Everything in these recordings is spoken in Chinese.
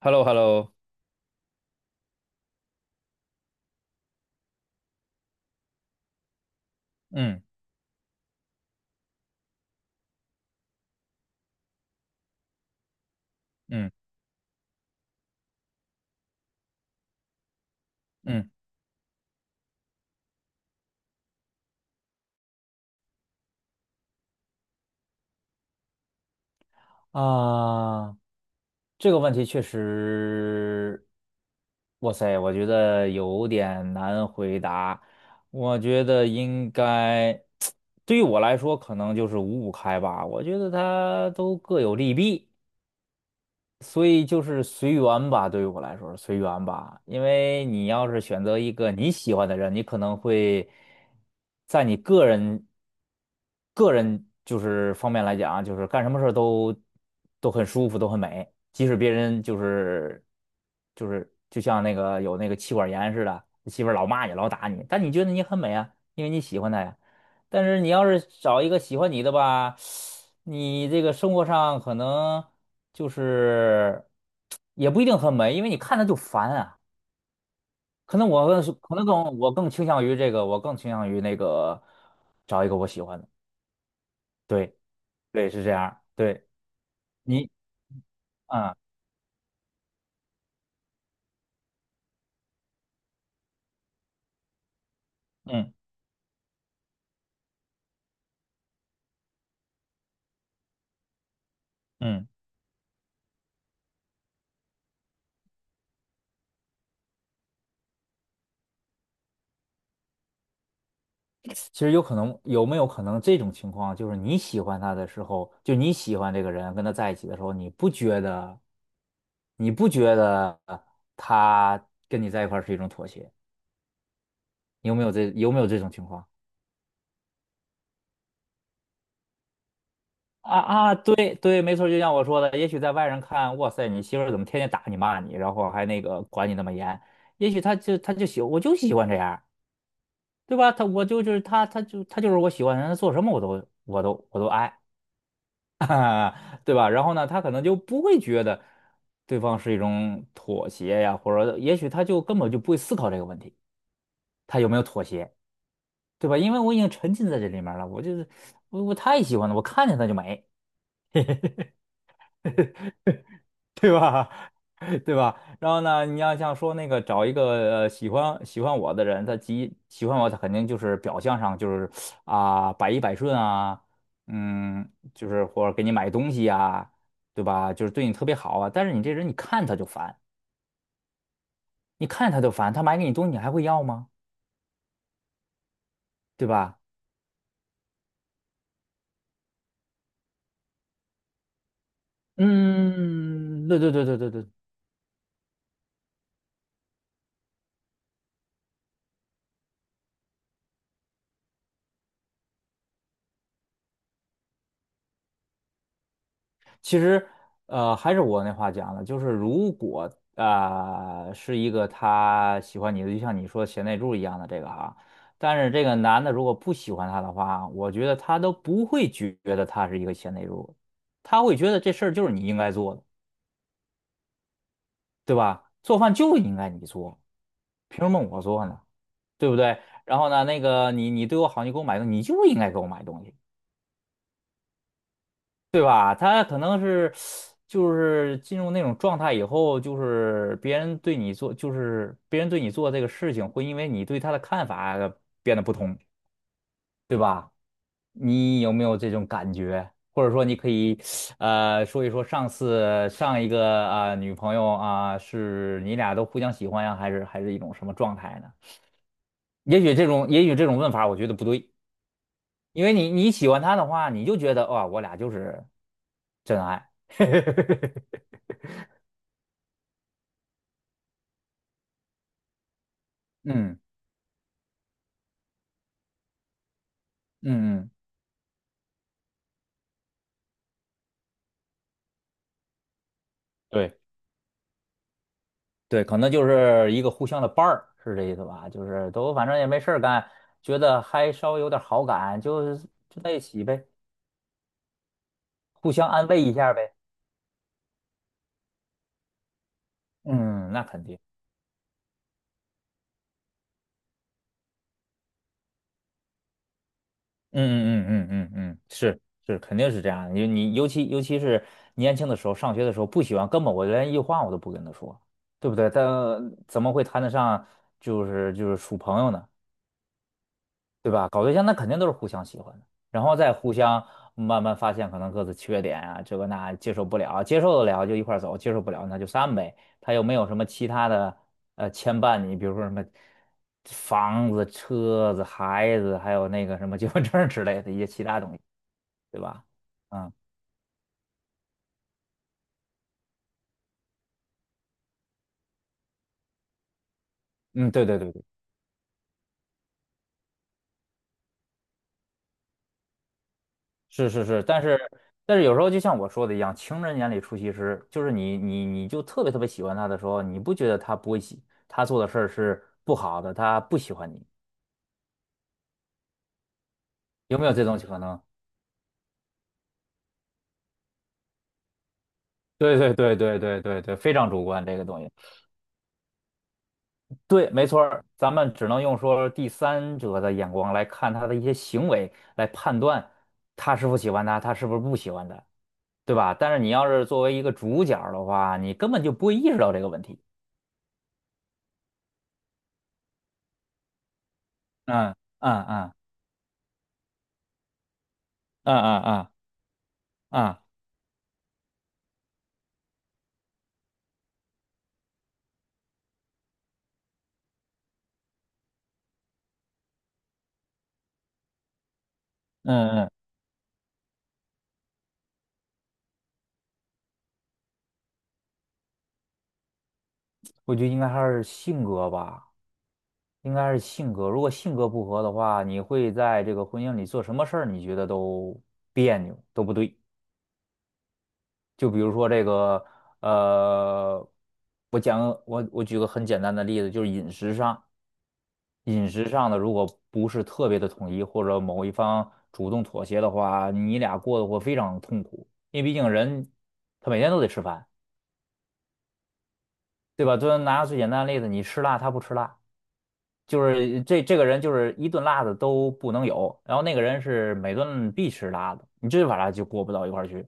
h e l l o h e l l o 嗯嗯嗯啊，这个问题确实，哇塞，我觉得有点难回答。我觉得应该，对于我来说，可能就是五五开吧。我觉得它都各有利弊。所以就是随缘吧，对于我来说是随缘吧。因为你要是选择一个你喜欢的人，你可能会在你个人就是方面来讲啊，就是干什么事儿都很舒服，都很美。即使别人就是就像那个有那个妻管严似的，媳妇儿老骂你，老打你，但你觉得你很美啊，因为你喜欢她呀。但是你要是找一个喜欢你的吧，你这个生活上可能。就是也不一定很美，因为你看着就烦啊。可能我更可能更我更倾向于这个，我更倾向于那个找一个我喜欢的。对对，是这样儿对你，嗯嗯嗯，其实有没有可能这种情况，就是你喜欢他的时候，就你喜欢这个人跟他在一起的时候，你不觉得他跟你在一块儿是一种妥协？有没有这种情况？啊啊，对对，没错，就像我说的，也许在外人看，哇塞，你媳妇儿怎么天天打你骂你，然后还那个管你那么严？也许他就他就喜，我就喜欢这样，对吧？他我就就是他，他就是我喜欢的人，他做什么我都爱，对吧？然后呢，他可能就不会觉得对方是一种妥协呀，或者也许他就根本就不会思考这个问题，他有没有妥协，对吧？因为我已经沉浸在这里面了，我太喜欢了，我看见他就美。对吧？对吧？然后呢，你要像说那个找一个喜欢我的人，他极喜欢我，他肯定就是表象上就是啊、百依百顺啊，嗯，就是或者给你买东西啊，对吧？就是对你特别好啊。但是你这人，你看他就烦，你看他就烦，他买给你东西，你还会要吗？对吧？嗯，对对对对对对其实，还是我那话讲的，就是如果是一个他喜欢你的，就像你说贤内助一样的这个啊，但是这个男的如果不喜欢他的话，我觉得他都不会觉得他是一个贤内助，他会觉得这事儿就是你应该做的，对吧？做饭就应该你做，凭什么我做呢？对不对？然后呢，那个你对我好，你给我买东西，你就应该给我买东西。对吧？他可能是就是进入那种状态以后，就是别人对你做，就是别人对你做这个事情，会因为你对他的看法变得不同，对吧？你有没有这种感觉？或者说，你可以说一说上一个女朋友啊、是你俩都互相喜欢呀，还是一种什么状态呢？也许这种问法，我觉得不对，因为你喜欢他的话，你就觉得哇，我俩就是真爱。嗯嗯嗯，对，对，可能就是一个互相的伴儿，是这意思吧？就是都反正也没事儿干，觉得还稍微有点好感，就在一起呗，互相安慰一下呗。嗯，那肯定。嗯嗯嗯嗯嗯嗯，是是，肯定是这样的。你尤其是年轻的时候，上学的时候不喜欢，根本我连一句话我都不跟他说，对不对？但怎么会谈得上就是处朋友呢？对吧？搞对象那肯定都是互相喜欢的，然后再互相慢慢发现可能各自缺点啊，这个那接受不了，接受得了就一块儿走，接受不了那就散呗。他又没有什么其他的牵绊你，比如说什么房子、车子、孩子，还有那个什么结婚证儿之类的一些其他东西，对吧？嗯嗯，对对对对。是是是，但是有时候就像我说的一样，情人眼里出西施，就是你就特别特别喜欢他的时候，你不觉得他不会喜，他做的事儿是不好的，他不喜欢你，有没有这种可能？对对对对对对对，非常主观这个东西。对，没错儿，咱们只能用说第三者的眼光来看他的一些行为，来判断他是否喜欢他，他是不是不喜欢他，对吧？但是你要是作为一个主角儿的话，你根本就不会意识到这个问题。嗯嗯嗯嗯嗯嗯。啊，嗯嗯，我觉得应该还是性格吧，应该是性格。如果性格不合的话，你会在这个婚姻里做什么事儿？你觉得都别扭，都不对。就比如说这个，呃，我举个很简单的例子，就是饮食上的如果不是特别的统一，或者某一方主动妥协的话，你俩过得会非常痛苦，因为毕竟人他每天都得吃饭，对吧？就拿最简单的例子，你吃辣，他不吃辣。就是这个人就是一顿辣的都不能有，然后那个人是每顿必吃辣的，你这把他就过不到一块儿去。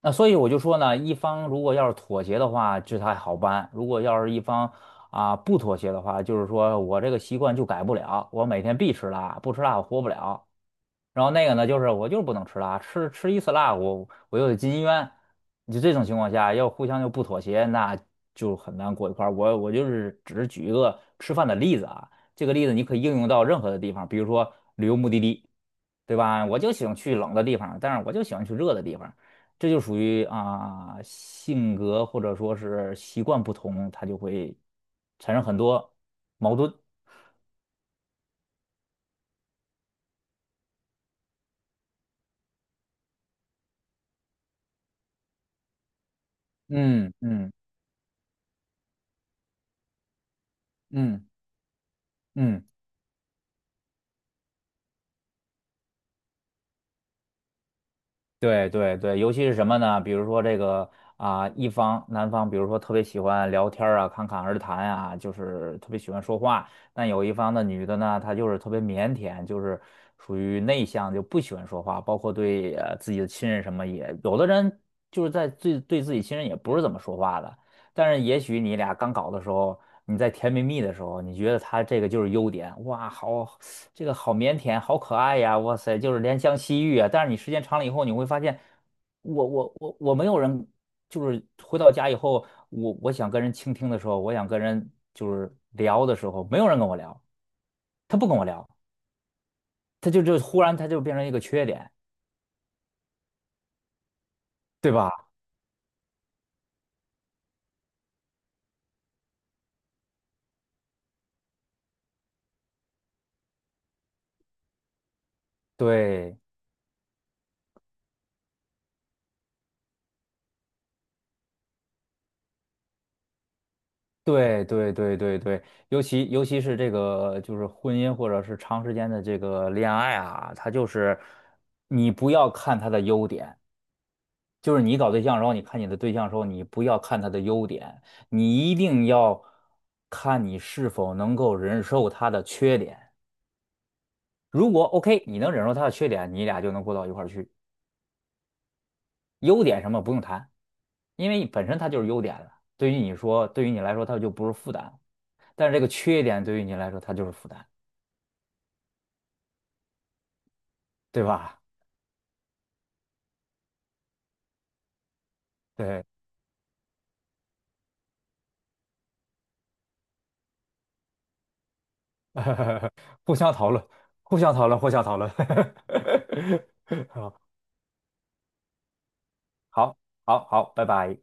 那所以我就说呢，一方如果要是妥协的话，这还好办；如果要是一方不妥协的话，就是说我这个习惯就改不了，我每天必吃辣，不吃辣我活不了。然后那个呢，就是我就是不能吃辣，吃一次辣，我又得进医院。就这种情况下，要互相就不妥协，那就很难过一块儿。我就是只是举一个吃饭的例子啊，这个例子你可以应用到任何的地方，比如说旅游目的地，对吧？我就喜欢去冷的地方，但是我就喜欢去热的地方，这就属于性格或者说是习惯不同，它就会产生很多矛盾。嗯嗯嗯嗯。对对对，尤其是什么呢？比如说这个啊，一方男方，比如说特别喜欢聊天儿啊，侃侃而谈啊，就是特别喜欢说话。但有一方的女的呢，她就是特别腼腆，就是属于内向，就不喜欢说话，包括对自己的亲人什么也，有的人就是在对自己亲人也不是怎么说话的。但是也许你俩刚搞的时候，你在甜蜜蜜的时候，你觉得他这个就是优点，哇，好，这个好腼腆，好可爱呀，哇塞，就是怜香惜玉啊。但是你时间长了以后，你会发现，我没有人，就是回到家以后，我想跟人倾听的时候，我想跟人就是聊的时候，没有人跟我聊，他不跟我聊，他就就忽然他就变成一个缺点，对吧？对。对对对对对，尤其是这个就是婚姻或者是长时间的这个恋爱啊，它就是你不要看他的优点，就是你搞对象的时候，你看你的对象的时候，你不要看他的优点，你一定要看你是否能够忍受他的缺点。如果 OK，你能忍受他的缺点，你俩就能过到一块儿去。优点什么不用谈，因为本身它就是优点了，对于你说，对于你来说，它就不是负担。但是这个缺点对于你来说，它就是负担。对吧？对，互相讨论，互相讨论，互相讨论。好，好，好，好，拜拜。